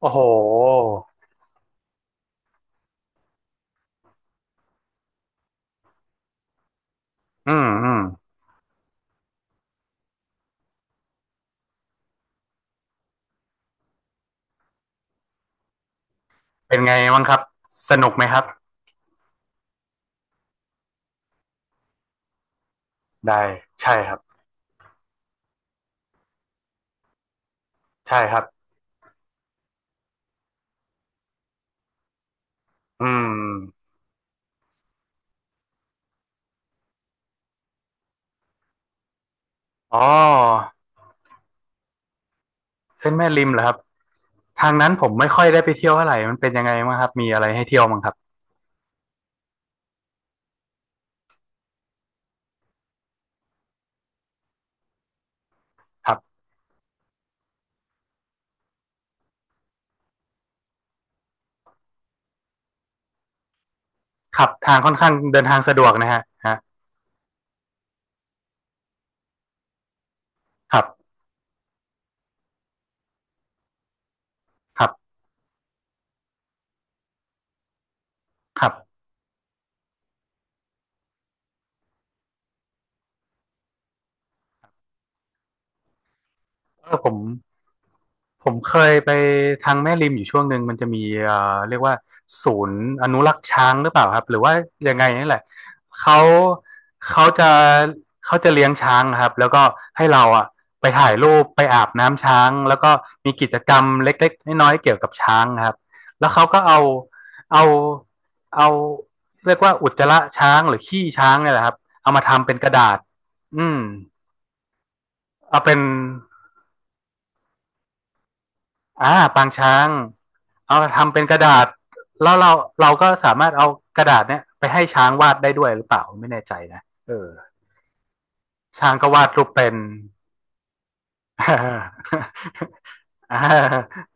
โอ้โหอืมอืมเป็นไงบ้างครับ สนุกไหมครับได้ใช่ครับใช่ครับอืมอ๋อเส้นแม่ริมเหรอครับทางนั้นผมไม่ค่อยได้ไปเที่ยวเท่าไหร่มันเป็นยังไงบ้างครับ มีอะไรให้เที่ยวบ้างครับครับครับทางค่อนข้างเดินทางสะดวกนะฮะฮะครับครับครับเออผม ผมเคยไปทางแม่ริมอยู่ช่วงหนึ่งมันจะมีเเรียกว่าศูนย์อนุรักษ์ช้างหรือเปล่าครับหรือว่ายังไงนี่แหละเขาเขาจะเขาจะเลี้ยงช้างนะครับแล้วก็ให้เราอ่ะไปถ่ายรูปไปอาบน้ำช้างแล้วก็มีกิจกรรมเล็กๆน้อยๆเกี่ยวกับช้างนะครับแล้วเขาก็เอาเอาเรียกว่าอุจจาระช้างหรือขี้ช้างเนี่ยแหละครับเอามาทำเป็นกระดาษอืมเอาเป็น อ่าปางช้างเอาทำเป็นกระดาษแล้วเราก็สามารถเอากระดาษเนี้ยไปให้ช้างวาดได้ด้วยหรือเปล่าไม่แน่ใจนะเออช้างก็วาดรูปเป็น่า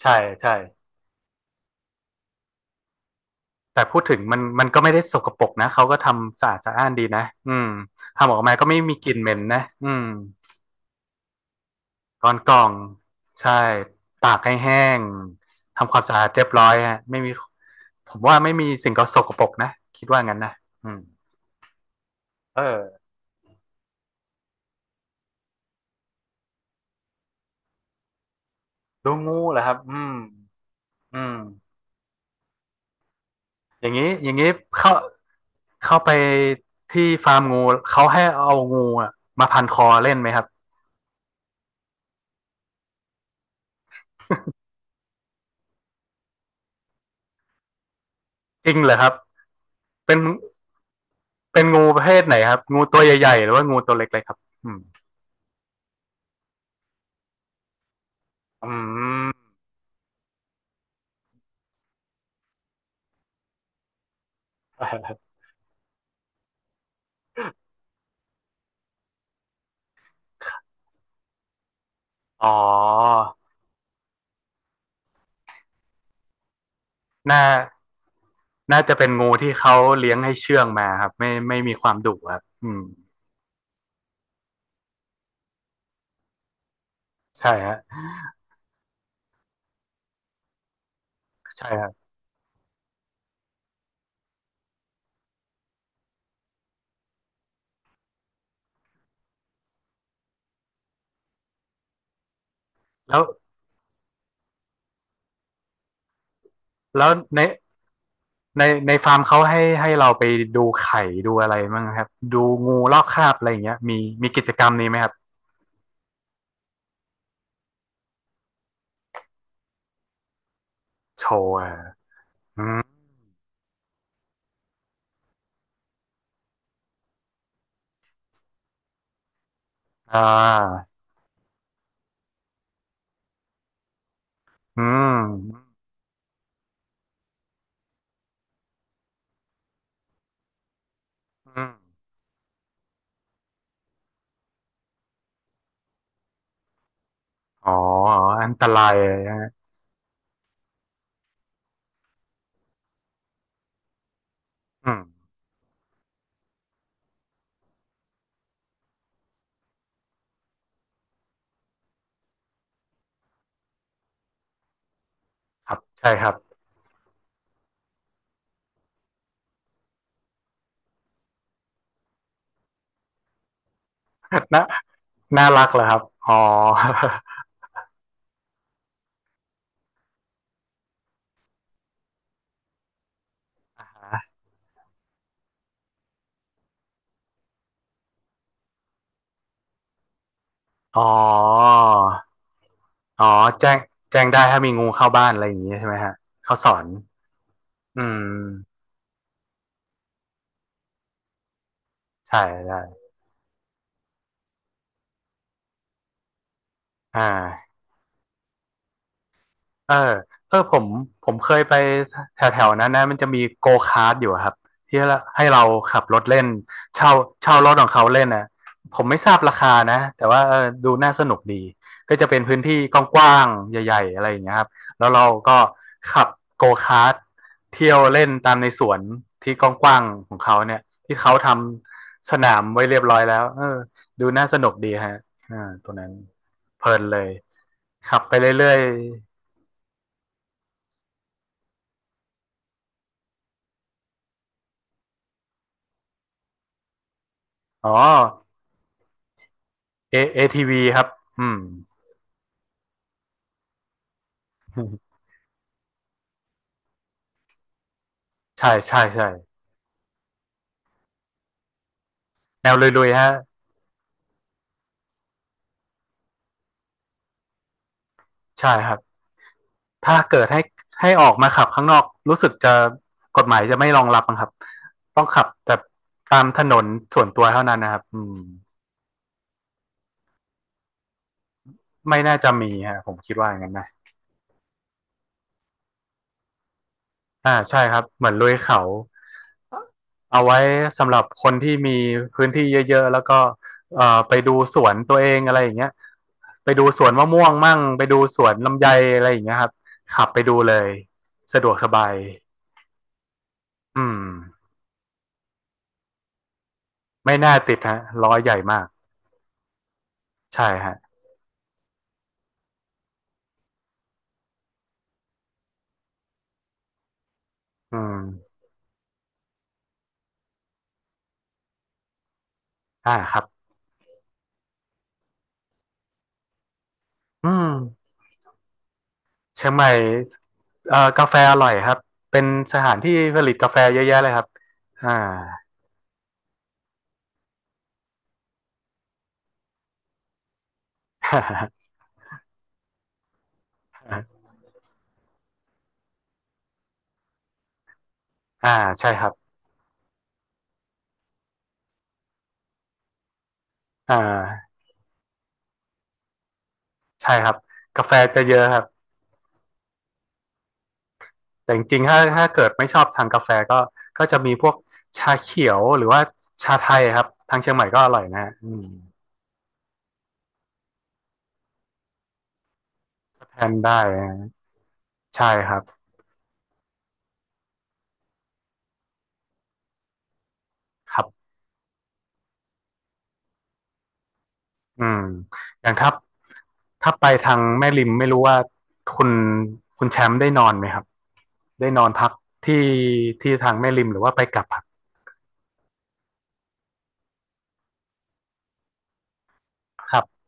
ใช่ใช่แต่พูดถึงมันก็ไม่ได้สกปรกนะเขาก็ทำสะอาดสะอ้านดีนะอืมทำออกมาก็ไม่มีกลิ่นเหม็นนะอืมกอนกล่องใช่ตากให้แห้งทำความสะอาดเรียบร้อยฮะไม่มีผมว่าไม่มีสิ่งก็สกปรกนะคิดว่างั้นนะอืม เออดูงูเหรอครับอืมอืมอย่างนี้อย่างนี้เข้าเข้าไปที่ฟาร์มงูเขาให้เอางูอะมาพันคอเล่นไหมครับจริงเหรอครับเป็นเป็นงูประเภทไหนครับงูตัวใหญ่ๆหรือว่างูตัวเล็กเลยครับอืมอืม อ๋อน่าน่าจะเป็นงูที่เขาเลี้ยงให้เชื่องมาครับไม่มีความดุครับอืมใช่ฮะใช่ครับแล้วแล้วใน ในฟาร์มเขาให้เราไปดูไข่ดูอะไรบ้างครับดูงูลอกคราบอะไรอย่างเงี้ยมีมีกิจกรรมนี้ไหมครับโชว์อ่ะอืมอ่าอืมอืมอ๋ออันตรายเลยนะฮะอืมครับใช่ครับ น่าน่ารักเหรอครับอ๋อ อ๋ออ๋อแจ้งแจ้งได้ถ้ามีงูเข้าบ้านอะไรอย่างนี้ใช่ไหมฮะเขาสอนอืมใช่ได้อ่า เออเออผมผมเคยไปแถวแถวนั้นนะมันจะมีโกคาร์ทอยู่อะครับที่ให้เราขับรถเล่นเช่าเช่ารถของเขาเล่นนะผมไม่ทราบราคานะแต่ว่าเออดูน่าสนุกดีก็จะเป็นพื้นที่กว้างๆใหญ่ๆอะไรอย่างเงี้ยครับแล้วเราก็ขับโกคาร์ทเที่ยวเล่นตามในสวนที่กว้างๆของเขาเนี่ยที่เขาทำสนามไว้เรียบร้อยแล้วเออดูน่าสนุกดีฮะอ่าตัวนั้นเพลินเลยขับไปเรื่อยๆอ๋อ เอทีวีครับอืมใช่ใช่ใช่แนวลุยๆฮะใช่ครับถ้าเกิดให้ให้ออกมาขับข้างนอกรู้สึกจะกฎหมายจะไม่รองรับมั้งครับต้องขับแต่ตามถนนส่วนตัวเท่านั้นนะครับอืมไม่น่าจะมีฮะผมคิดว่าอย่างนั้นนะอ่าใช่ครับเหมือนลุยเขา เอาไว้สำหรับคนที่มีพื้นที่เยอะๆแล้วก็เไปดูสวนตัวเองอะไรอย่างเงี้ยไปดูสวนมะม่วงมั่งไปดูสวนลำไยอะไรอย่างเงี้ยครับขับไปดูเลยสะดวกสบายอืมไม่น่าติดฮะล้อใหญ่มากใช่ฮะอืมอ่าครับอืมเชียงใหม่เกาแฟอร่อยครับเป็นสถานที่ผลิตกาแฟเยอะแยะเลยครับอ่า อ่าใช่ครับอ่าใช่ครับกาแฟจะเยอะครับ แต่จริงๆถ้าเกิดไม่ชอบทางกาแฟก็จะมีพวกชาเขียวหรือว่าชาไทยครับทางเชียงใหม่ก็อร่อยนะอืมแทนได้นะใช่ครับครับอืมอย่างถ้าถ้าไปทางแม่ริมไม่รู้ว่าคุณคุณแชมป์ได้นอนไหมครับได้นอนพักที่ที่ทางแม่ริมหรือว่าไปกลับครับครับ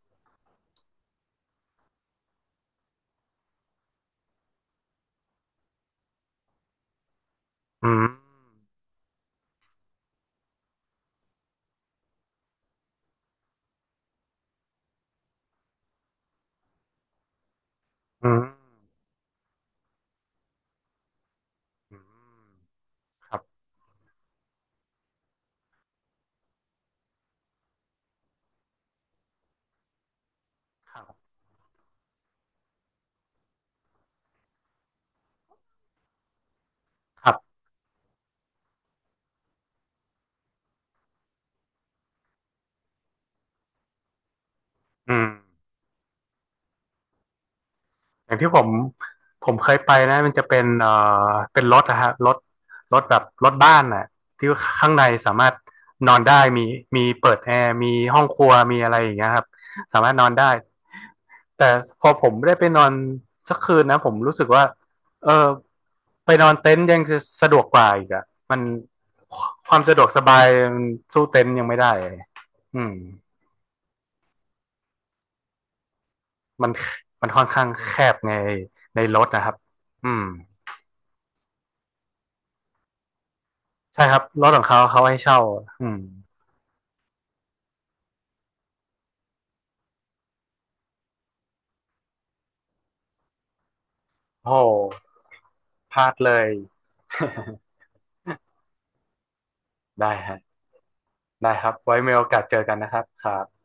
อืมอืมอืมครับครับครับอืม อย่างที่ผมผมเคยไปนะมันจะเป็นเเป็นรถนะฮะรถรถแบบรถบ้านน่ะที่ข้างในสามารถนอนได้มีมีเปิดแอร์มีห้องครัวมีอะไรอย่างเงี้ยครับสามารถนอนได้แต่พอผมได้ไปนอนสักคืนนะผมรู้สึกว่าเออไปนอนเต็นท์ยังจะสะดวกกว่าอีกอะมันความสะดวกสบายมันสู้เต็นท์ยังไม่ได้อืมมันมันค่อนข้างแคบในในรถนะครับอืม ใช่ครับรถของเขาเขาให้เช่าอืมโอ้โหพลาดเลย ได้ฮะได้ครับไว้มีโอกาสเจอกันนะครับครับ